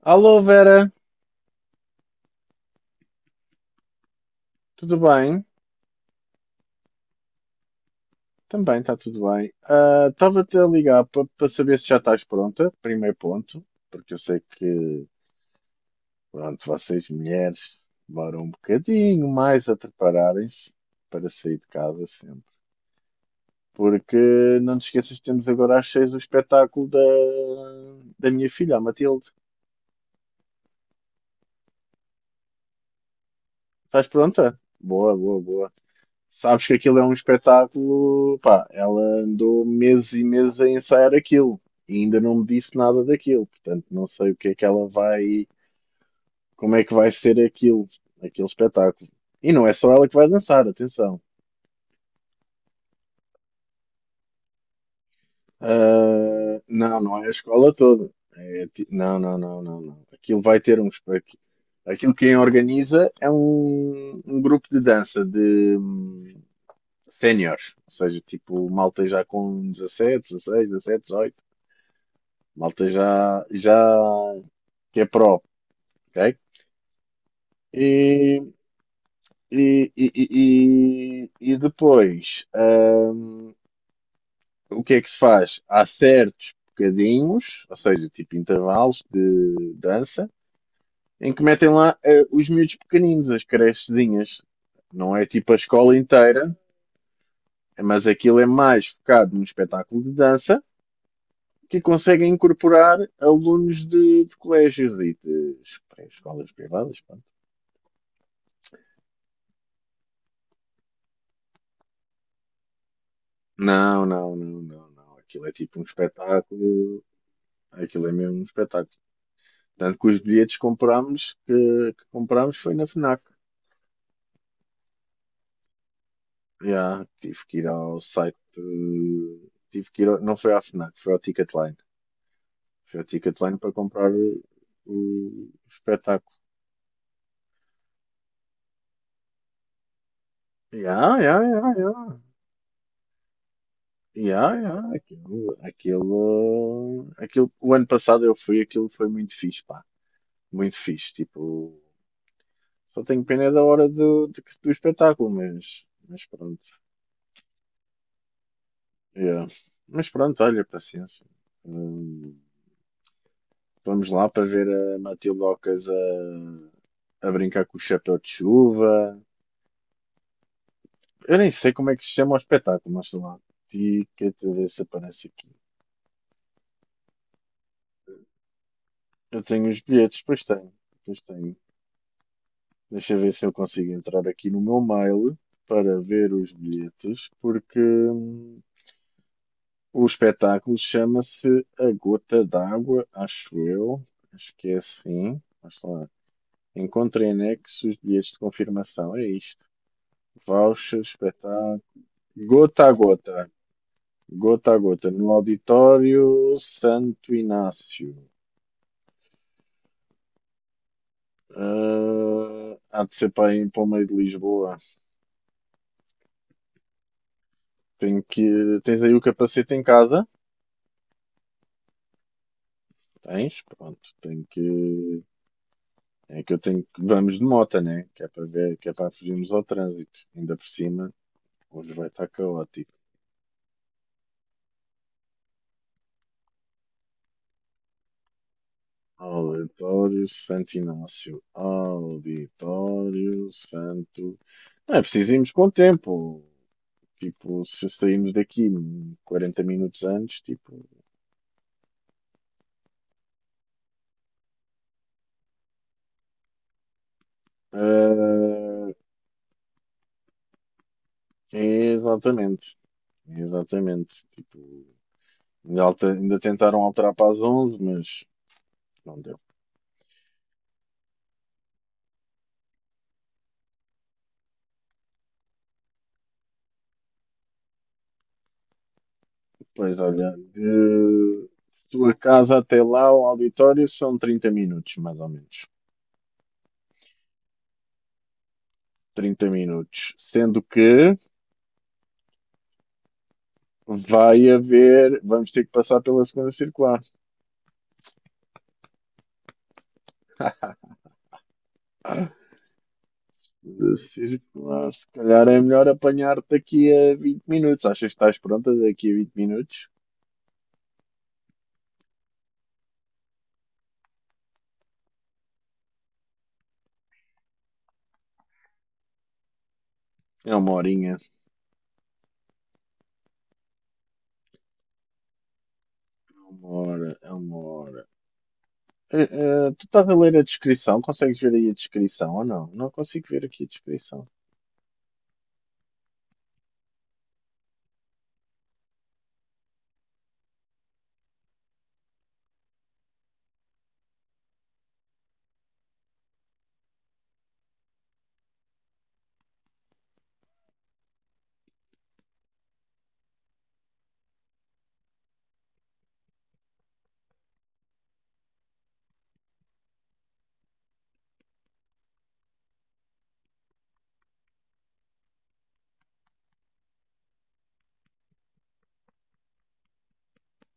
Alô Vera, tudo bem? Também está tudo bem. Estava-te a ligar para saber se já estás pronta, primeiro ponto, porque eu sei que, pronto, vocês mulheres demoram um bocadinho mais a prepararem-se para sair de casa sempre. Porque não te esqueças que temos agora às 6 o espetáculo da minha filha, a Matilde. Estás pronta? Boa, boa, boa. Sabes que aquilo é um espetáculo. Pá, ela andou meses e meses a ensaiar aquilo e ainda não me disse nada daquilo. Portanto, não sei o que é que ela vai. Como é que vai ser aquilo, aquele espetáculo. E não é só ela que vai dançar, atenção. Ah, não, não é a escola toda. Não, não, não, não, não. Aquilo vai ter um. Espetáculo. Aquilo quem organiza é um grupo de dança de séniores, ou seja, tipo malta já com 17, 16, 17, 18. Malta já, já que é pró, ok? E, e depois, o que é que se faz? Há certos bocadinhos, ou seja, tipo intervalos de dança, em que metem lá os miúdos pequeninos, as crechezinhas. Não é tipo a escola inteira, mas aquilo é mais focado num espetáculo de dança que conseguem incorporar alunos de colégios e de escolas privadas. Pá. Não, não, não, não, não. Aquilo é tipo um espetáculo. Aquilo é mesmo um espetáculo. Tanto que os bilhetes que comprámos, que comprámos foi na FNAC. Já, tive que ir ao site. Tive que ir. Não foi à FNAC, foi ao Ticketline. Foi ao Ticketline para comprar o espetáculo. Já, já, já, já. Já, já. Aquilo. O ano passado eu fui, aquilo foi muito fixe, pá. Muito fixe. Tipo. Só tenho pena é da hora do espetáculo, mas pronto. Yeah. Mas pronto, olha, paciência. Hum, vamos lá para ver a Matilde Ocas a brincar com o chapéu de chuva. Eu nem sei como é que se chama o espetáculo, mas sei lá. Ticket, a ver se aparece aqui. Eu tenho os bilhetes, pois tenho. Pois tenho. Deixa eu ver se eu consigo entrar aqui no meu mail para ver os bilhetes, porque o espetáculo chama-se A Gota d'Água, acho eu. Acho que é assim. Vamos lá. Encontre em anexo os bilhetes de confirmação. É isto. Voucher, espetáculo. Gota a gota. Gota a gota. No auditório Santo Inácio. Ah, há de ser para ir para o meio de Lisboa. Tenho que... Tens aí o capacete em casa? Tens? Pronto. Tenho que. É que eu tenho que. Vamos de moto, né? Que é para ver, que é para fugirmos ao trânsito. Ainda por cima, hoje vai estar caótico. Auditório Santo Inácio. Auditório Santo. Não é preciso irmos com o tempo. Tipo, se sairmos daqui 40 minutos antes, tipo. Ah, exatamente. Exatamente. Tipo, ainda tentaram alterar para as 11, mas não deu. Pois olha, de tua casa até lá, o auditório, são 30 minutos, mais ou menos. 30 minutos. Sendo que. Vai haver, vamos ter que passar pela segunda circular. Da circular, se calhar é melhor apanhar daqui a 20 minutos. Achas que estás pronta daqui a 20 minutos? É uma horinha. É uma hora, é uma hora. Eh, tu estás a ler a descrição? Consegues ver aí a descrição ou não? Não consigo ver aqui a descrição.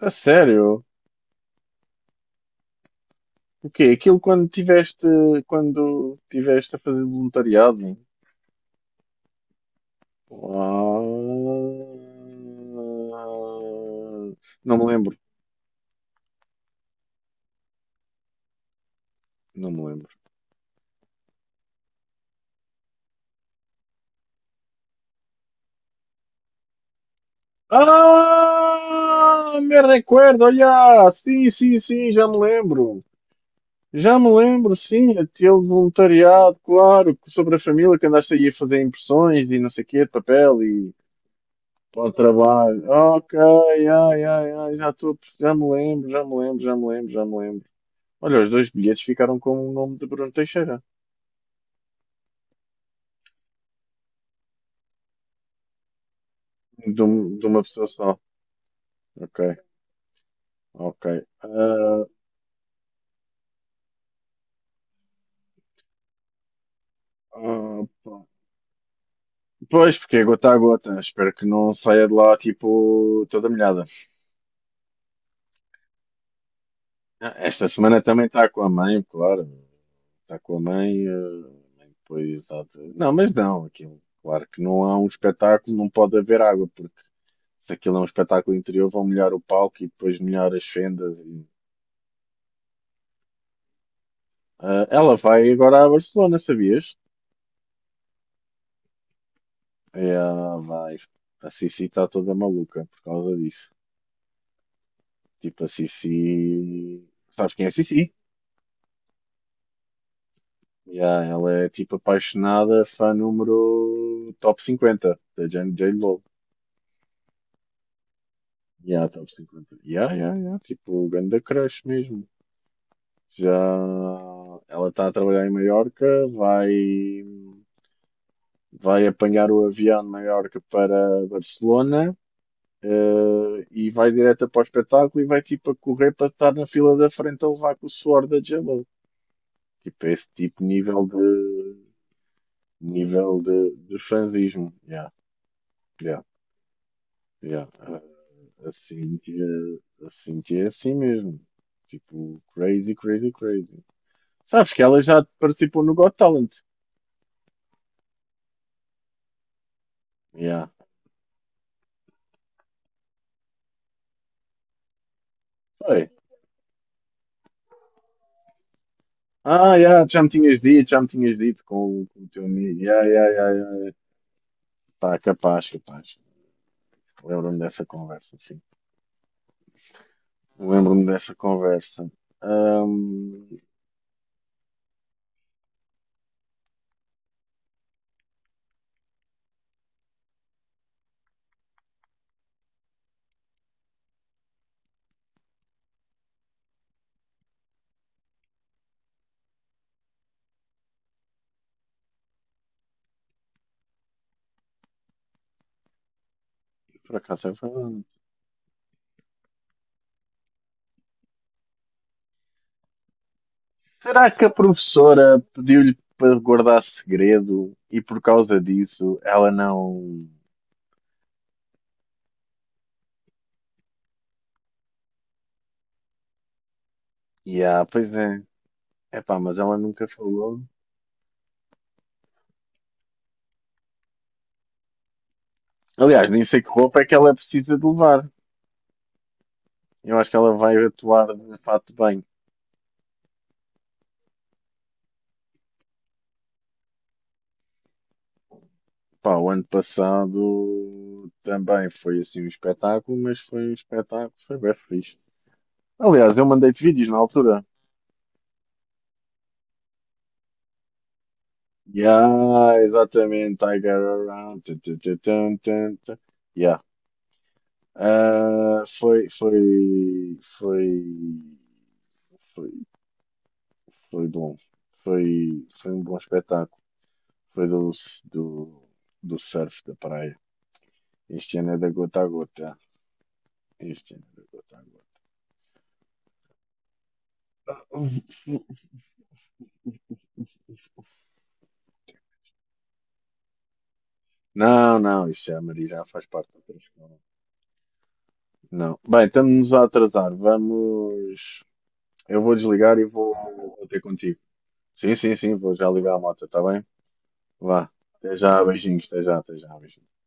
A sério? O quê? Aquilo quando tiveste a fazer voluntariado? Ah, não me lembro. Não me lembro. Ah, me recuerdo, olha, sim, sim, sim, já me lembro. Já me lembro, sim, aquele voluntariado, claro, que sobre a família que andaste aí a fazer impressões e não sei o quê, de papel e para o trabalho. Ok, ai, ai, ai, já estou, já me lembro, já me lembro, já me lembro, já me lembro. Olha, os dois bilhetes ficaram com o nome de Bruno Teixeira, de uma pessoa só. Ok, ok. Ah, pá. Pois, porque é gota a gota. Espero que não saia de lá, tipo, toda molhada. Ah, esta semana também está com a mãe, claro. Está com a mãe, a mãe depois há de... Não, mas não, aquilo. Claro que não há um espetáculo, não pode haver água, porque se aquilo é um espetáculo interior, vão molhar o palco e depois molhar as fendas. Ah, ela vai agora à Barcelona, sabias? É, ah, vai. A Sissi está toda maluca por causa disso. Tipo, a Sissi. Sabes quem é a Sissi? Yeah, ela é tipo apaixonada, fã número top 50 da J Lo. Yeah, top cinquenta. Yeah, yeah, yeah. Tipo, grande crush mesmo. Já ela está a trabalhar em Maiorca, vai apanhar o avião de Maiorca para Barcelona, e vai direto para o espetáculo e vai tipo a correr para estar na fila da frente a levar com o suor da j. Tipo, esse tipo nível de fanzismo. Yeah, yeah. Yeah. A Cíntia, a Cíntia é assim mesmo. Tipo, crazy, crazy, crazy. Sabes que ela já participou no Got Talent. Yeah. Foi. Ah, yeah, já me tinhas dito, já me tinhas dito com o teu amigo. Yeah, yeah, yeah, yeah. Pá, capaz, capaz. Lembro-me dessa conversa, sim. Lembro-me dessa conversa. Ahm, por acaso é verdade. Será que a professora pediu-lhe para guardar segredo e por causa disso ela não. Yeah, pois é. Epá, mas ela nunca falou. Aliás, nem sei que roupa é que ela precisa de levar. Eu acho que ela vai atuar de fato bem. Pá, o ano passado também foi assim um espetáculo, mas foi um espetáculo, foi bem fixe. Aliás, eu mandei-te vídeos na altura. Yeah, exatamente. I got around. Tu, tu, tu, tum, tum, tum. Yeah. Ah, foi, foi bom. Foi um bom espetáculo. Foi do, do surf da praia. Isto ainda é da gota a gota. Isto ainda é da gota a gota. Não, não, isto já, Maria, já faz parte de outras coisas. Não. Bem, estamos a atrasar. Vamos. Eu vou desligar e vou ter contigo. Sim, sim, sim, vou já ligar a moto, está bem? Vá. Até já, beijinhos, até já, beijinhos.